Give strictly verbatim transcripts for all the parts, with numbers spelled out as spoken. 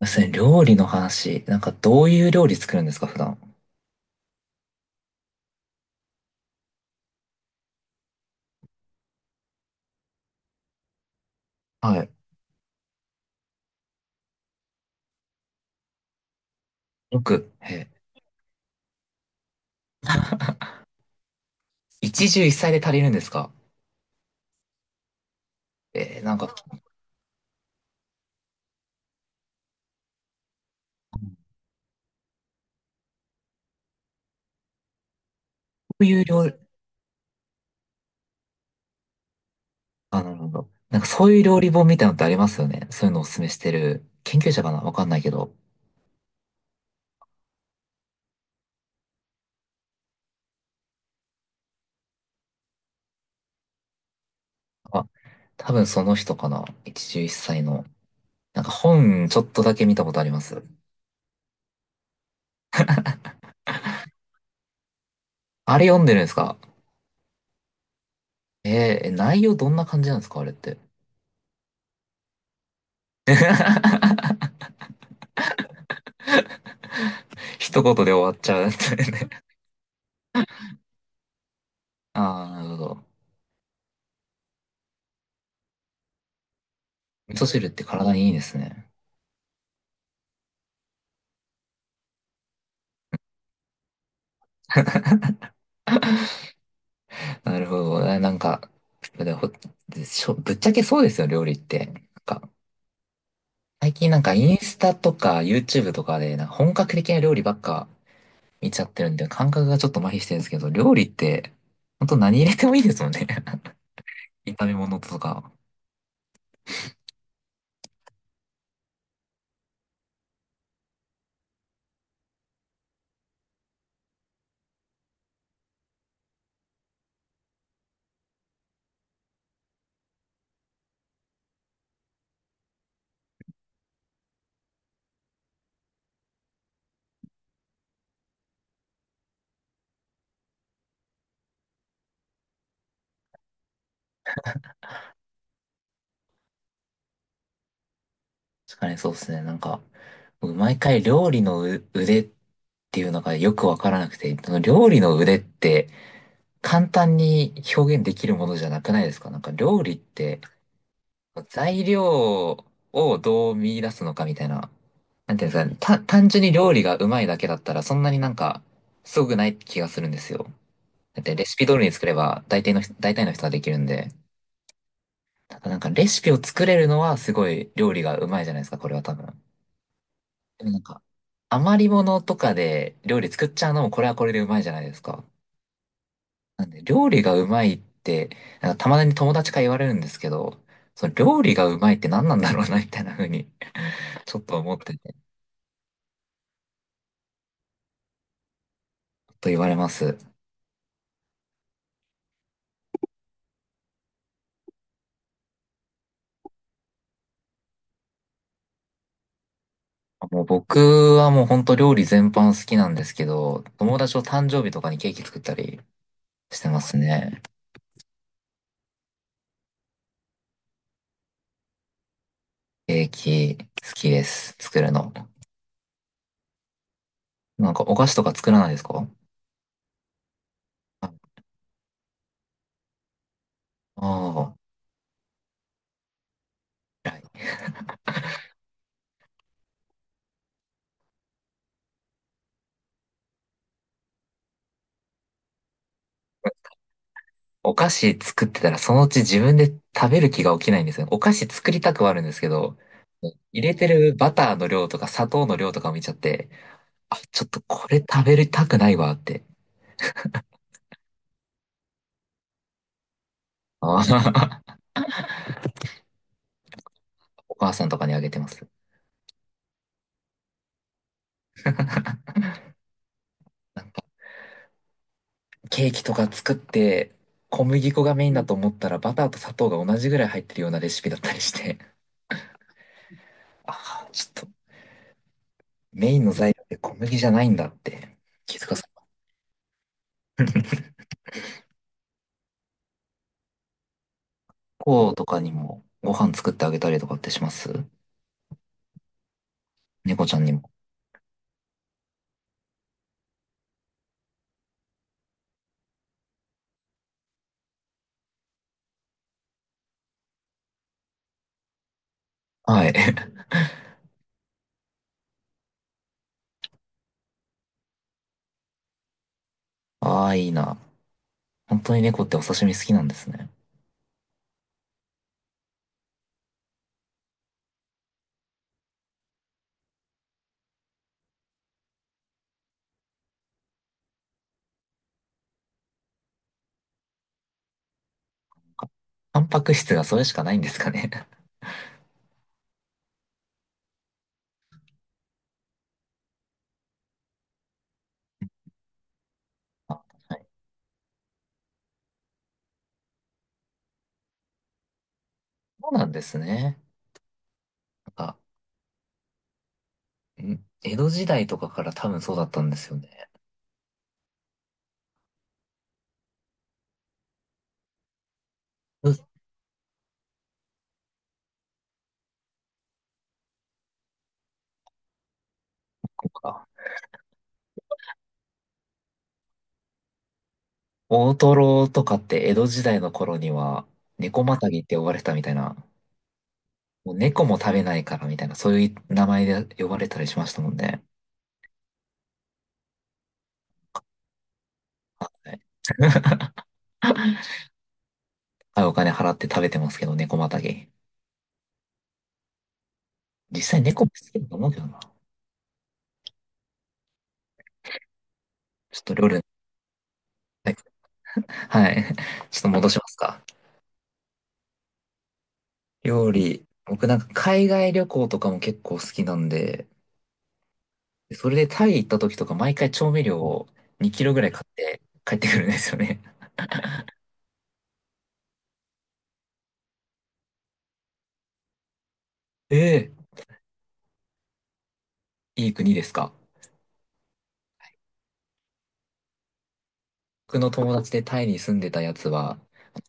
ですね。料理の話、なんかどういう料理作るんですか、普段。はい。よく、えー、一汁一菜で足りるんですか？えー、なんか、こういう料理、あ、なるほど。なんかそういう料理本みたいなのってありますよね。そういうのをお勧めしてる。研究者かなわかんないけど。あ、多分その人かな。一汁一菜の。なんか本ちょっとだけ見たことあります。あれ読んでるんですか？えー、内容どんな感じなんですかあれって。一言で終わっちゃうってね。ああ、なるほど。味噌汁って体にいいんですね。なるほどね。なんか、でほ、しょ、ぶっちゃけそうですよ、料理って。なんか、最近なんかインスタとか YouTube とかで、なんか本格的な料理ばっか見ちゃってるんで、感覚がちょっと麻痺してるんですけど、料理って、ほんと何入れてもいいですもんね。炒め物とか。確かにそうですね。なんか、僕毎回料理のう腕っていうのがよくわからなくて、その料理の腕って簡単に表現できるものじゃなくないですか。なんか料理って、材料をどう見出すのかみたいな。なんていうんですかね、た、単純に料理がうまいだけだったらそんなになんかすごくない気がするんですよ。だってレシピ通りに作れば大体の人、大体の人はできるんで。ただなんかレシピを作れるのはすごい料理がうまいじゃないですか、これは多分。でもなんか余り物とかで料理作っちゃうのもこれはこれでうまいじゃないですか。なんで、料理がうまいって、なんかたまに友達から言われるんですけど、その料理がうまいって何なんだろうな、みたいな風に ちょっと思ってて、ちょっと言われます。もう僕はもう本当料理全般好きなんですけど、友達と誕生日とかにケーキ作ったりしてますね。ケーキ好きです。作るの。なんかお菓子とか作らないですか？ああ、ー、はい。お菓子作ってたらそのうち自分で食べる気が起きないんですよね。お菓子作りたくはあるんですけど、入れてるバターの量とか砂糖の量とか見ちゃって、あ、ちょっとこれ食べたくないわって。あー、 お母さんとかにあげてます。なんか、ケーキとか作って、小麦粉がメインだと思ったらバターと砂糖が同じぐらい入ってるようなレシピだったりして、ああちょっとメインの材料って小麦じゃないんだって気づかされた。猫とかにもご飯作ってあげたりとかってします？猫ちゃんにも。はい。ああ、いいな。本当に猫ってお刺身好きなんですね。あ、タンパク質がそれしかないんですかね。あ、はい。そうなんですね。なんか、ん、江戸時代とかから多分そうだったんですよね。うん、こうか。大トロとかって江戸時代の頃には猫またぎって呼ばれてたみたいな、もう猫も食べないからみたいな、そういう名前で呼ばれたりしましたもんね。はい、高いお金払って食べてますけど、猫またぎ。実際猫も好きだと思うけどな。ちょっと料理の、はい。はい ちょっと戻しますか。料理。僕なんか海外旅行とかも結構好きなんで、それでタイ行った時とか毎回調味料をにキロぐらい買って帰ってくるんですよね。ええ、いい国ですか？僕の友達でタイに住んでたやつは、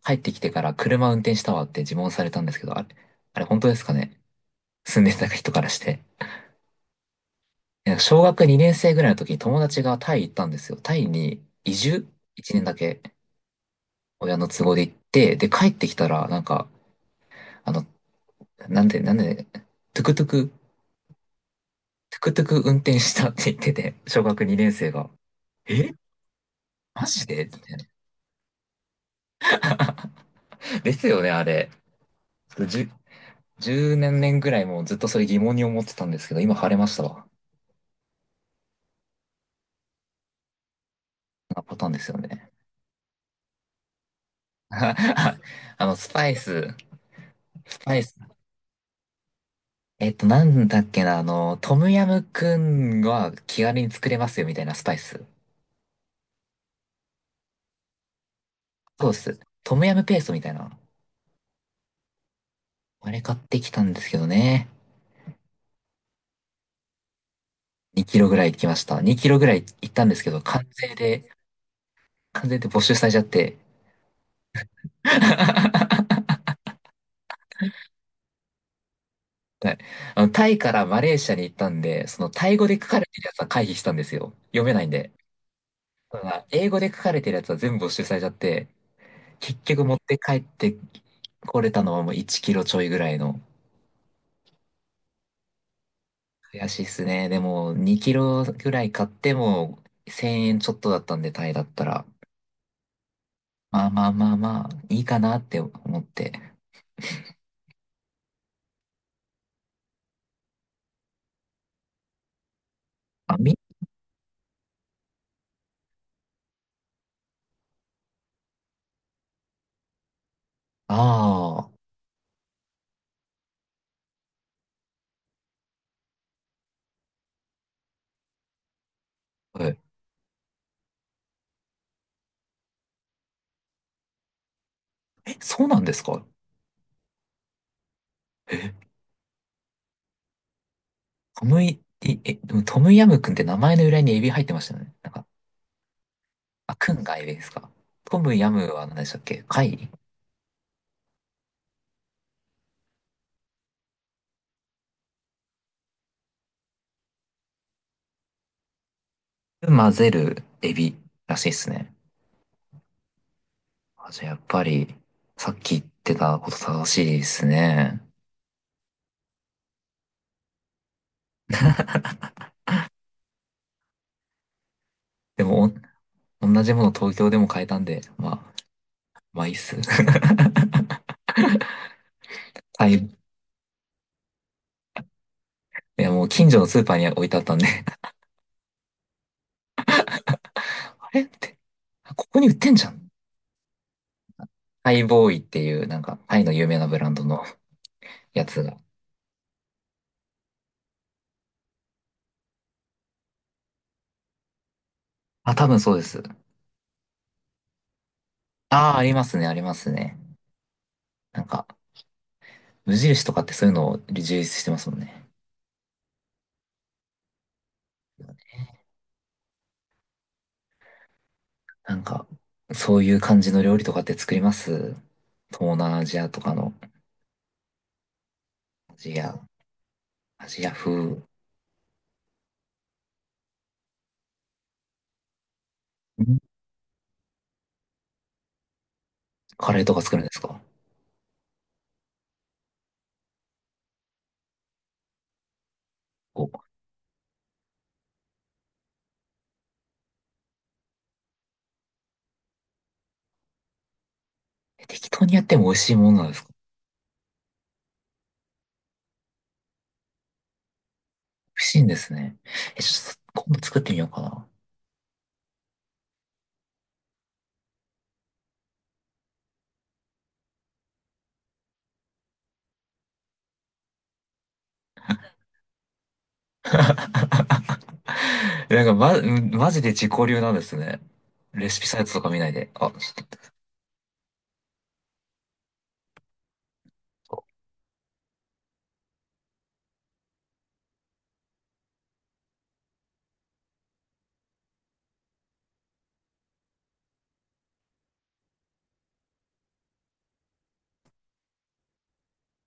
帰ってきてから車運転したわって自問されたんですけど、あれ、あれ本当ですかね、住んでた人からして。なんか小学にねん生ぐらいの時に友達がタイ行ったんですよ。タイに移住？ いち 年だけ親の都合で行って、で帰ってきたらなんか、あの、なんで、なんで、トゥクトゥク、トゥクトゥク運転したって言ってて、小学にねん生が。え、マジでみたいな。ですよね、あれ。ちょっとじゅう、年年ぐらいもうずっとそれ疑問に思ってたんですけど、今晴れましたわ。なパターンですよね。あの、スパイス、スパイス。えっと、なんだっけな、あの、トムヤムくんは気軽に作れますよ、みたいなスパイス。そうです。トムヤムペーストみたいな。あれ買ってきたんですけどね。にキロぐらい行きました。にキロぐらい行ったんですけど、完全関税で、関税で没収されちゃって。はい。あの、タイからマレーシアに行ったんで、そのタイ語で書かれてるやつは回避したんですよ。読めないんで。ただ、英語で書かれてるやつは全部没収されちゃって、結局持って帰ってこれたのはもういちキロちょいぐらいの。悔しいっすね。でも、にキロぐらい買ってもせんえんちょっとだったんで、タイだったら。まあまあまあまあ、いいかなって思って。あ、み、ああ、はい、そうなんですか？え、トムイ、いえ、でもトムヤムくんって名前の由来にエビ入ってましたよね。なんか、あ、くんがエビですか？トムヤムは何でしたっけ、貝？混ぜるエビらしいですね。あ、じゃあやっぱり、さっき言ってたこと正しいですね。でも、お同じもの東京でも買えたんで、まあ、まあいいっす。はい。いや、もう近所のスーパーに置いてあったんで あれって、ここに売ってんじゃん。ハイボーイっていう、なんか、タイの有名なブランドのやつが。あ、多分そうです。ああ、ありますね、ありますね。なんか、無印とかってそういうのを充実してますもんね。なんか、そういう感じの料理とかって作ります？東南アジアとかの、アジア、アジア風、ん、カレーとか作るんですか？お、え、適当にやっても美味しいものなんですか？美味しいんですね。え、ちょっと、今度作ってみようかな。なんか、ま、マジで自己流なんですね。レシピサイトとか見ないで。あ、ちょっ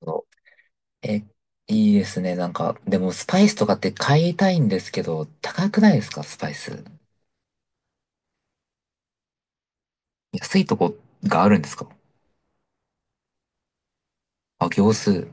と、え、いいですね。なんか、でもスパイスとかって買いたいんですけど、高くないですか、スパイス。安いとこがあるんですか？あ、行数。